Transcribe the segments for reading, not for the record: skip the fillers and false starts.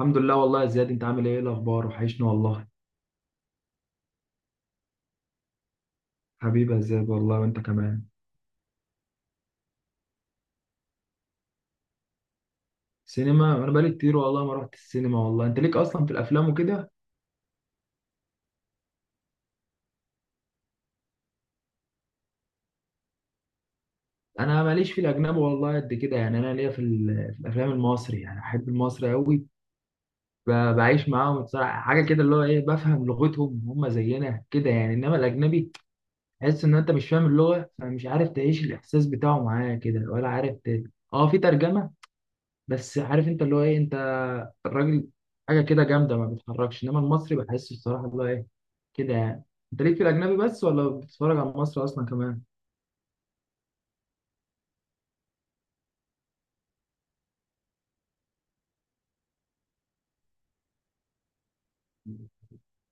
الحمد لله والله يا زياد، انت عامل ايه؟ ايه الاخبار؟ وحشني والله. حبيبي يا زياد والله، وانت كمان. سينما؟ انا بقالي كتير والله ما رحت السينما. والله انت ليك اصلا في الافلام وكده. انا ماليش في الاجنبي والله قد كده، يعني انا ليا في الافلام المصري، يعني احب المصري قوي. بعيش معاهم بصراحه، حاجه كده اللي هو ايه، بفهم لغتهم، هم زينا كده يعني. انما الاجنبي تحس ان انت مش فاهم اللغه، فمش عارف تعيش الاحساس بتاعه معايا كده ولا عارف اه في ترجمه، بس عارف انت اللي هو ايه، انت الراجل حاجه كده جامده ما بتتحركش. انما المصري بحسه الصراحه اللي هو ايه، كده يعني. انت ليك في الاجنبي بس ولا بتتفرج على مصر اصلا كمان؟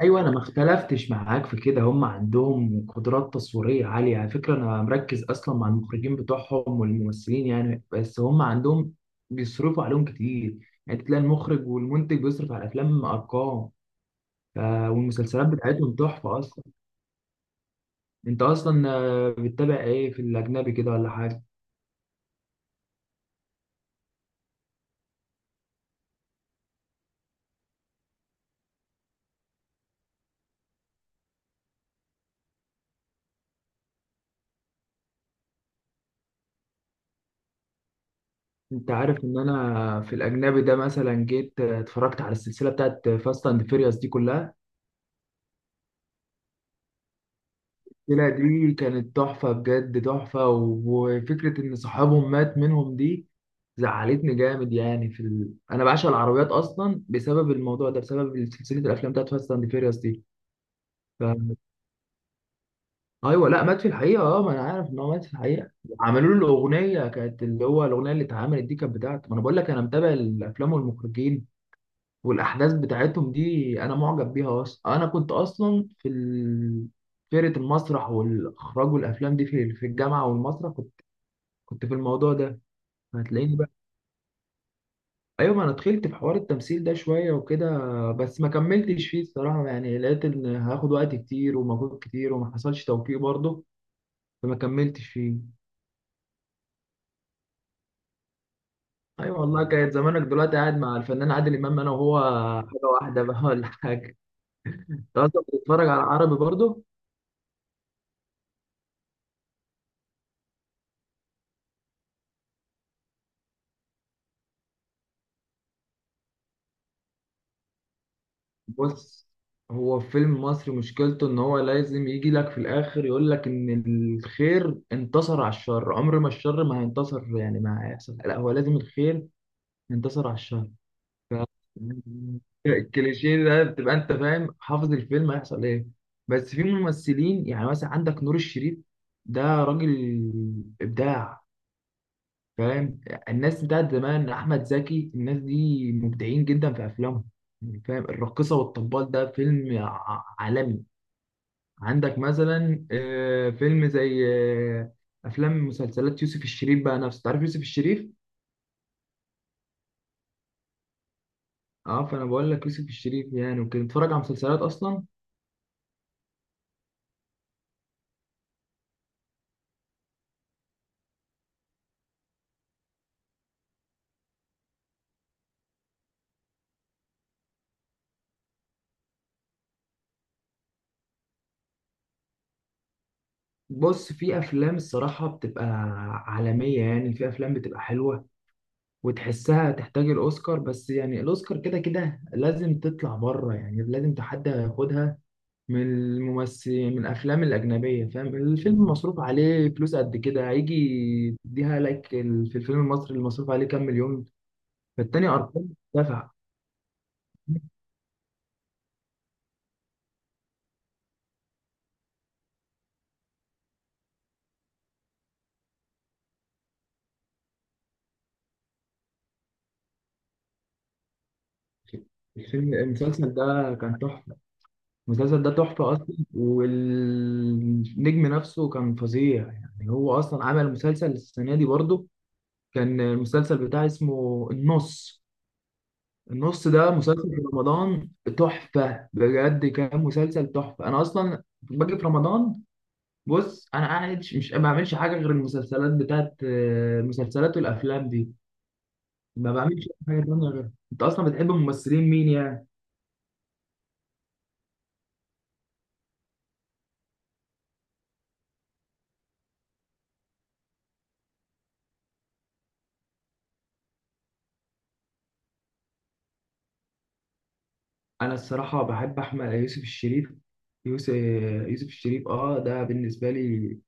ايوه، انا ما اختلفتش معاك في كده، هم عندهم قدرات تصويريه عاليه على فكره. انا مركز اصلا مع المخرجين بتوعهم والممثلين يعني، بس هم عندهم بيصرفوا عليهم كتير. يعني تلاقي المخرج والمنتج بيصرف على الافلام ارقام، والمسلسلات بتاعتهم تحفه اصلا. انت اصلا بتتابع ايه في الاجنبي كده ولا حاجه؟ انت عارف ان انا في الاجنبي ده مثلا جيت اتفرجت على السلسله بتاعت فاست اند فيريوس دي كلها. السلسله دي كانت تحفه بجد تحفه، وفكره ان صاحبهم مات منهم دي زعلتني جامد يعني. انا بعشق العربيات اصلا بسبب الموضوع ده، بسبب سلسله الافلام بتاعت فاست اند فيريوس دي. ف... ايوه لا مات في الحقيقه، اه ما انا عارف ان هو مات في الحقيقه. عملوا له الاغنيه، كانت اللي هو الاغنيه اللي اتعملت دي كانت بتاعته. ما انا بقول لك، انا متابع الافلام والمخرجين والاحداث بتاعتهم دي، انا معجب بيها اصلا. انا كنت اصلا في فرقه المسرح والاخراج والافلام دي في الجامعه، والمسرح كنت في الموضوع ده، هتلاقيني بقى. ايوه، ما انا دخلت في حوار التمثيل ده شويه وكده، بس ما كملتش فيه الصراحه. يعني لقيت ان هاخد وقت كتير ومجهود كتير وما حصلش توفيق برضه، فما كملتش فيه. ايوه والله كانت زمانك دلوقتي قاعد مع الفنان عادل امام انا وهو، حاجه واحده بقى ولا حاجه. انت اصلا بتتفرج على عربي برضه؟ بص، هو فيلم مصري مشكلته ان هو لازم يجي لك في الاخر يقول لك ان الخير انتصر على الشر. عمر ما الشر ما هينتصر يعني، ما هيحصل، لا، هو لازم الخير ينتصر على الشر. ف... الكليشيه ده بتبقى انت فاهم حافظ الفيلم هيحصل ايه. بس في ممثلين يعني، مثلا عندك نور الشريف، ده راجل ابداع فاهم. الناس بتاعت زمان، احمد زكي، الناس دي مبدعين جدا في افلامهم يعني، فاهم. الراقصه والطبال ده فيلم عالمي. عندك مثلا فيلم زي آه، افلام، مسلسلات يوسف الشريف بقى نفسه، تعرف يوسف الشريف؟ اه، فانا بقول لك يوسف الشريف يعني وكده، اتفرج على مسلسلات اصلا. بص، في افلام الصراحه بتبقى عالميه يعني، في افلام بتبقى حلوه وتحسها تحتاج الاوسكار. بس يعني الاوسكار كده كده لازم تطلع بره يعني، لازم تحدى ياخدها من الممثلين من الافلام الاجنبيه، فاهم؟ الفيلم مصروف عليه فلوس قد كده، هيجي تديها لك في الفيلم المصري اللي مصروف عليه كام مليون؟ فالتاني ارقام دفع. المسلسل ده كان تحفه، المسلسل ده تحفه اصلا، والنجم نفسه كان فظيع يعني. هو اصلا عمل مسلسل السنه دي برضه كان المسلسل بتاعه اسمه النص. النص ده مسلسل في رمضان، تحفه بجد، كان مسلسل تحفه. انا اصلا باجي في رمضان، بص، انا قاعد ما بعملش حاجه غير المسلسلات بتاعت المسلسلات والافلام دي، ما بعملش حاجه تانية غيرها. انت اصلا بتحب ممثلين مين يعني؟ انا الصراحه بحب احمد آه، يوسف الشريف، يوسف يوسف الشريف. اه، ده بالنسبه لي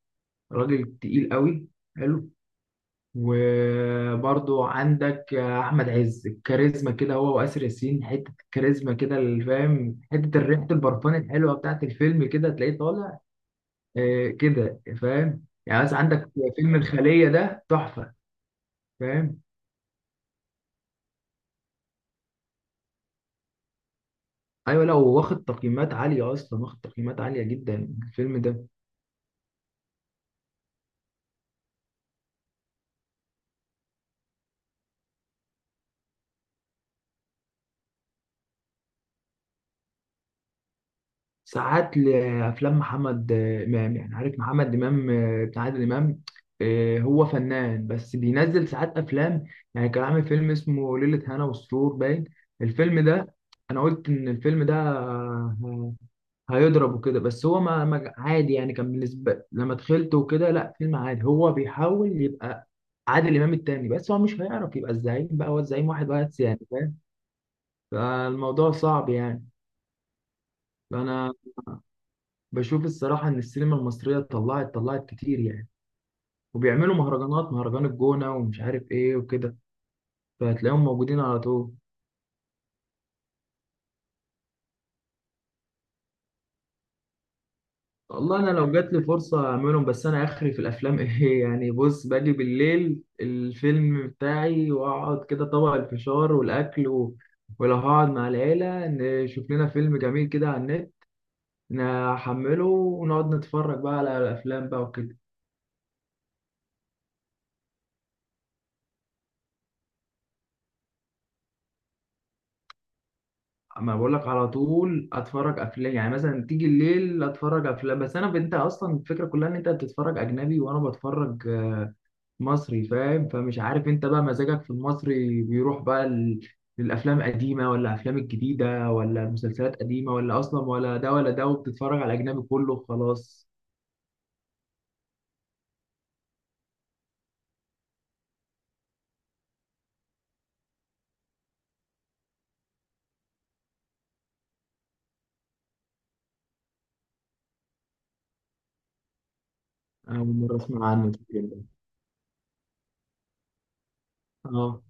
راجل تقيل قوي، حلو. وبرضو عندك احمد عز، الكاريزما كده، هو واسر ياسين حته الكاريزما كده اللي فاهم، حته ريحه البرفان الحلوه بتاعت الفيلم كده تلاقيه طالع كده فاهم. يعني مثلا عندك فيلم الخلية ده تحفة، فاهم. ايوه، لا هو واخد تقييمات عالية اصلا، واخد تقييمات عالية جدا الفيلم ده. ساعات لافلام محمد آه، امام، يعني عارف محمد امام بتاع عادل امام؟ هو فنان، بس بينزل ساعات افلام يعني. كان عامل فيلم اسمه ليلة هنا والسرور باين، الفيلم ده انا قلت ان الفيلم ده هيضرب وكده، بس هو عادي يعني، كان بالنسبة لما دخلته وكده لا، فيلم عادي. هو بيحاول يبقى عادل امام التاني، بس هو مش هيعرف يبقى الزعيم. بقى هو الزعيم واحد بس يعني فاهم، فالموضوع صعب يعني. فانا بشوف الصراحه ان السينما المصريه طلعت كتير يعني، وبيعملوا مهرجانات، مهرجان الجونه ومش عارف ايه وكده، فهتلاقيهم موجودين على طول. والله انا لو جات لي فرصه اعملهم، بس انا اخري في الافلام ايه يعني، بص، باجي بالليل الفيلم بتاعي واقعد كده طبق الفشار والاكل ولو هقعد مع العيله نشوف لنا فيلم جميل كده على النت، نحمله ونقعد نتفرج بقى على الافلام بقى وكده. اما بقول لك، على طول اتفرج افلام يعني، مثلا تيجي الليل اتفرج افلام. بس انا، انت اصلا الفكره كلها ان انت بتتفرج اجنبي وانا بتفرج مصري، فاهم؟ فمش عارف انت بقى مزاجك في المصري بيروح بقى للافلام القديمه ولا الافلام الجديده، ولا المسلسلات قديمه ولا اصلا ولا ده ولا ده، وبتتفرج على الاجنبي كله خلاص؟ اول مره اسمع عنه الفيلم ده. اه.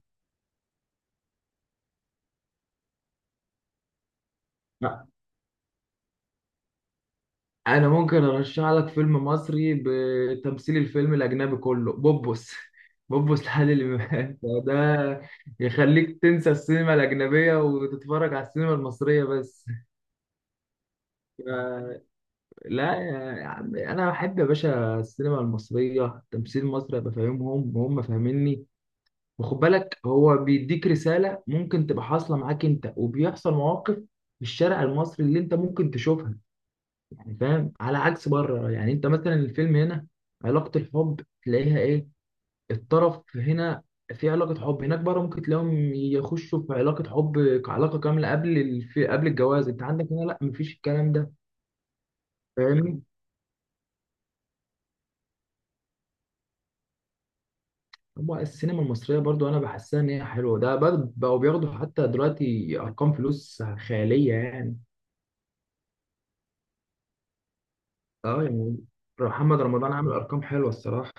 انا ممكن ارشح لك فيلم مصري بتمثيل الفيلم الاجنبي كله، بوبوس بوبوس لعادل امام، فده يخليك تنسى السينما الاجنبيه وتتفرج على السينما المصريه بس. ف- لا يا عم، انا بحب يا باشا السينما المصريه، تمثيل مصري ابقى فاهمهم وهم فاهميني. وخد بالك، هو بيديك رساله ممكن تبقى حاصله معاك انت، وبيحصل مواقف في الشارع المصري اللي انت ممكن تشوفها، يعني فاهم، على عكس بره. يعني انت مثلا الفيلم هنا علاقة الحب تلاقيها ايه، الطرف هنا. في علاقة حب هناك بره ممكن تلاقيهم يخشوا في علاقة حب كعلاقة كاملة قبل قبل الجواز. انت عندك هنا لا، مفيش الكلام ده، فاهمني. هو السينما المصرية برضو انا بحسها ان هي حلوة ده بقوا بياخدوا حتى دلوقتي ارقام فلوس خيالية يعني. اه يعني محمد رمضان عامل ارقام حلوة الصراحة.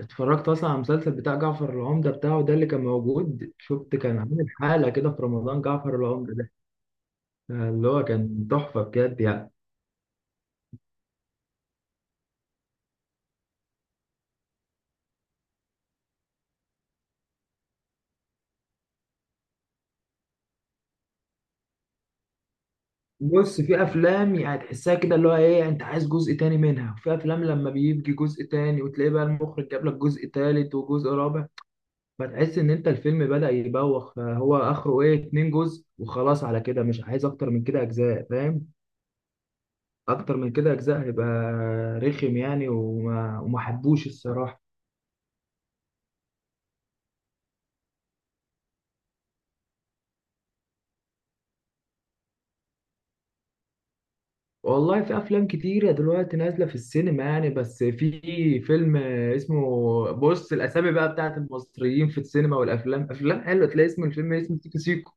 اتفرجت اصلا على المسلسل بتاع جعفر العمدة بتاعه ده اللي كان موجود؟ شفت كان عامل حالة كده في رمضان، جعفر العمدة ده اللي هو كان تحفة بجد يعني. بص، في افلام يعني تحسها كده اللي هو ايه، انت عايز جزء تاني منها. وفي افلام لما بيجي جزء تاني وتلاقي بقى المخرج جاب لك جزء تالت وجزء رابع، فتحس ان انت الفيلم بدأ يبوخ. فهو اخره ايه، اتنين جزء وخلاص، على كده مش عايز اكتر من كده اجزاء فاهم. اكتر من كده اجزاء هيبقى رخم يعني، وما حبوش الصراحة. والله في افلام كتيره دلوقتي نازله في السينما يعني، بس في فيلم اسمه، بص الاسامي بقى بتاعت المصريين في السينما والافلام، افلام حلوه، تلاقي اسم الفيلم اسمه سيكو سيكو.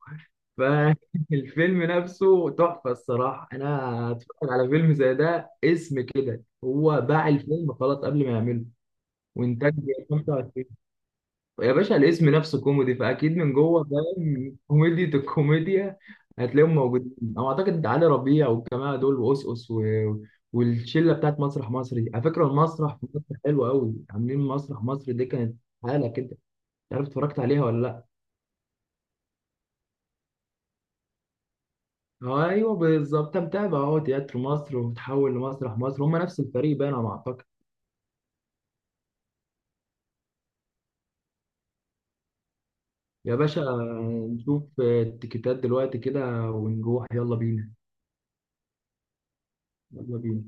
فالفيلم نفسه تحفه الصراحه، انا اتفرج على فيلم زي ده اسم كده، هو باع الفيلم خلاص قبل ما يعمله. وانتاج 25، يا باشا الاسم نفسه كوميدي، فاكيد من جوه فاهم كوميديا الكوميديا. هتلاقيهم موجودين، او اعتقد علي ربيع والجماعه دول، وأسقس والشله بتاعت مسرح مصر دي. على فكره المسرح في مصر حلو قوي، عاملين مسرح مصر دي كانت حاله كده، مش عارف اتفرجت عليها ولا لا؟ ايوه بالظبط، متابع اهو، تياترو مصر وتحول لمسرح مصر، هم نفس الفريق بقى انا ما اعتقد. يا باشا، نشوف التيكيتات دلوقتي كده ونروح، يلا بينا، يلا بينا.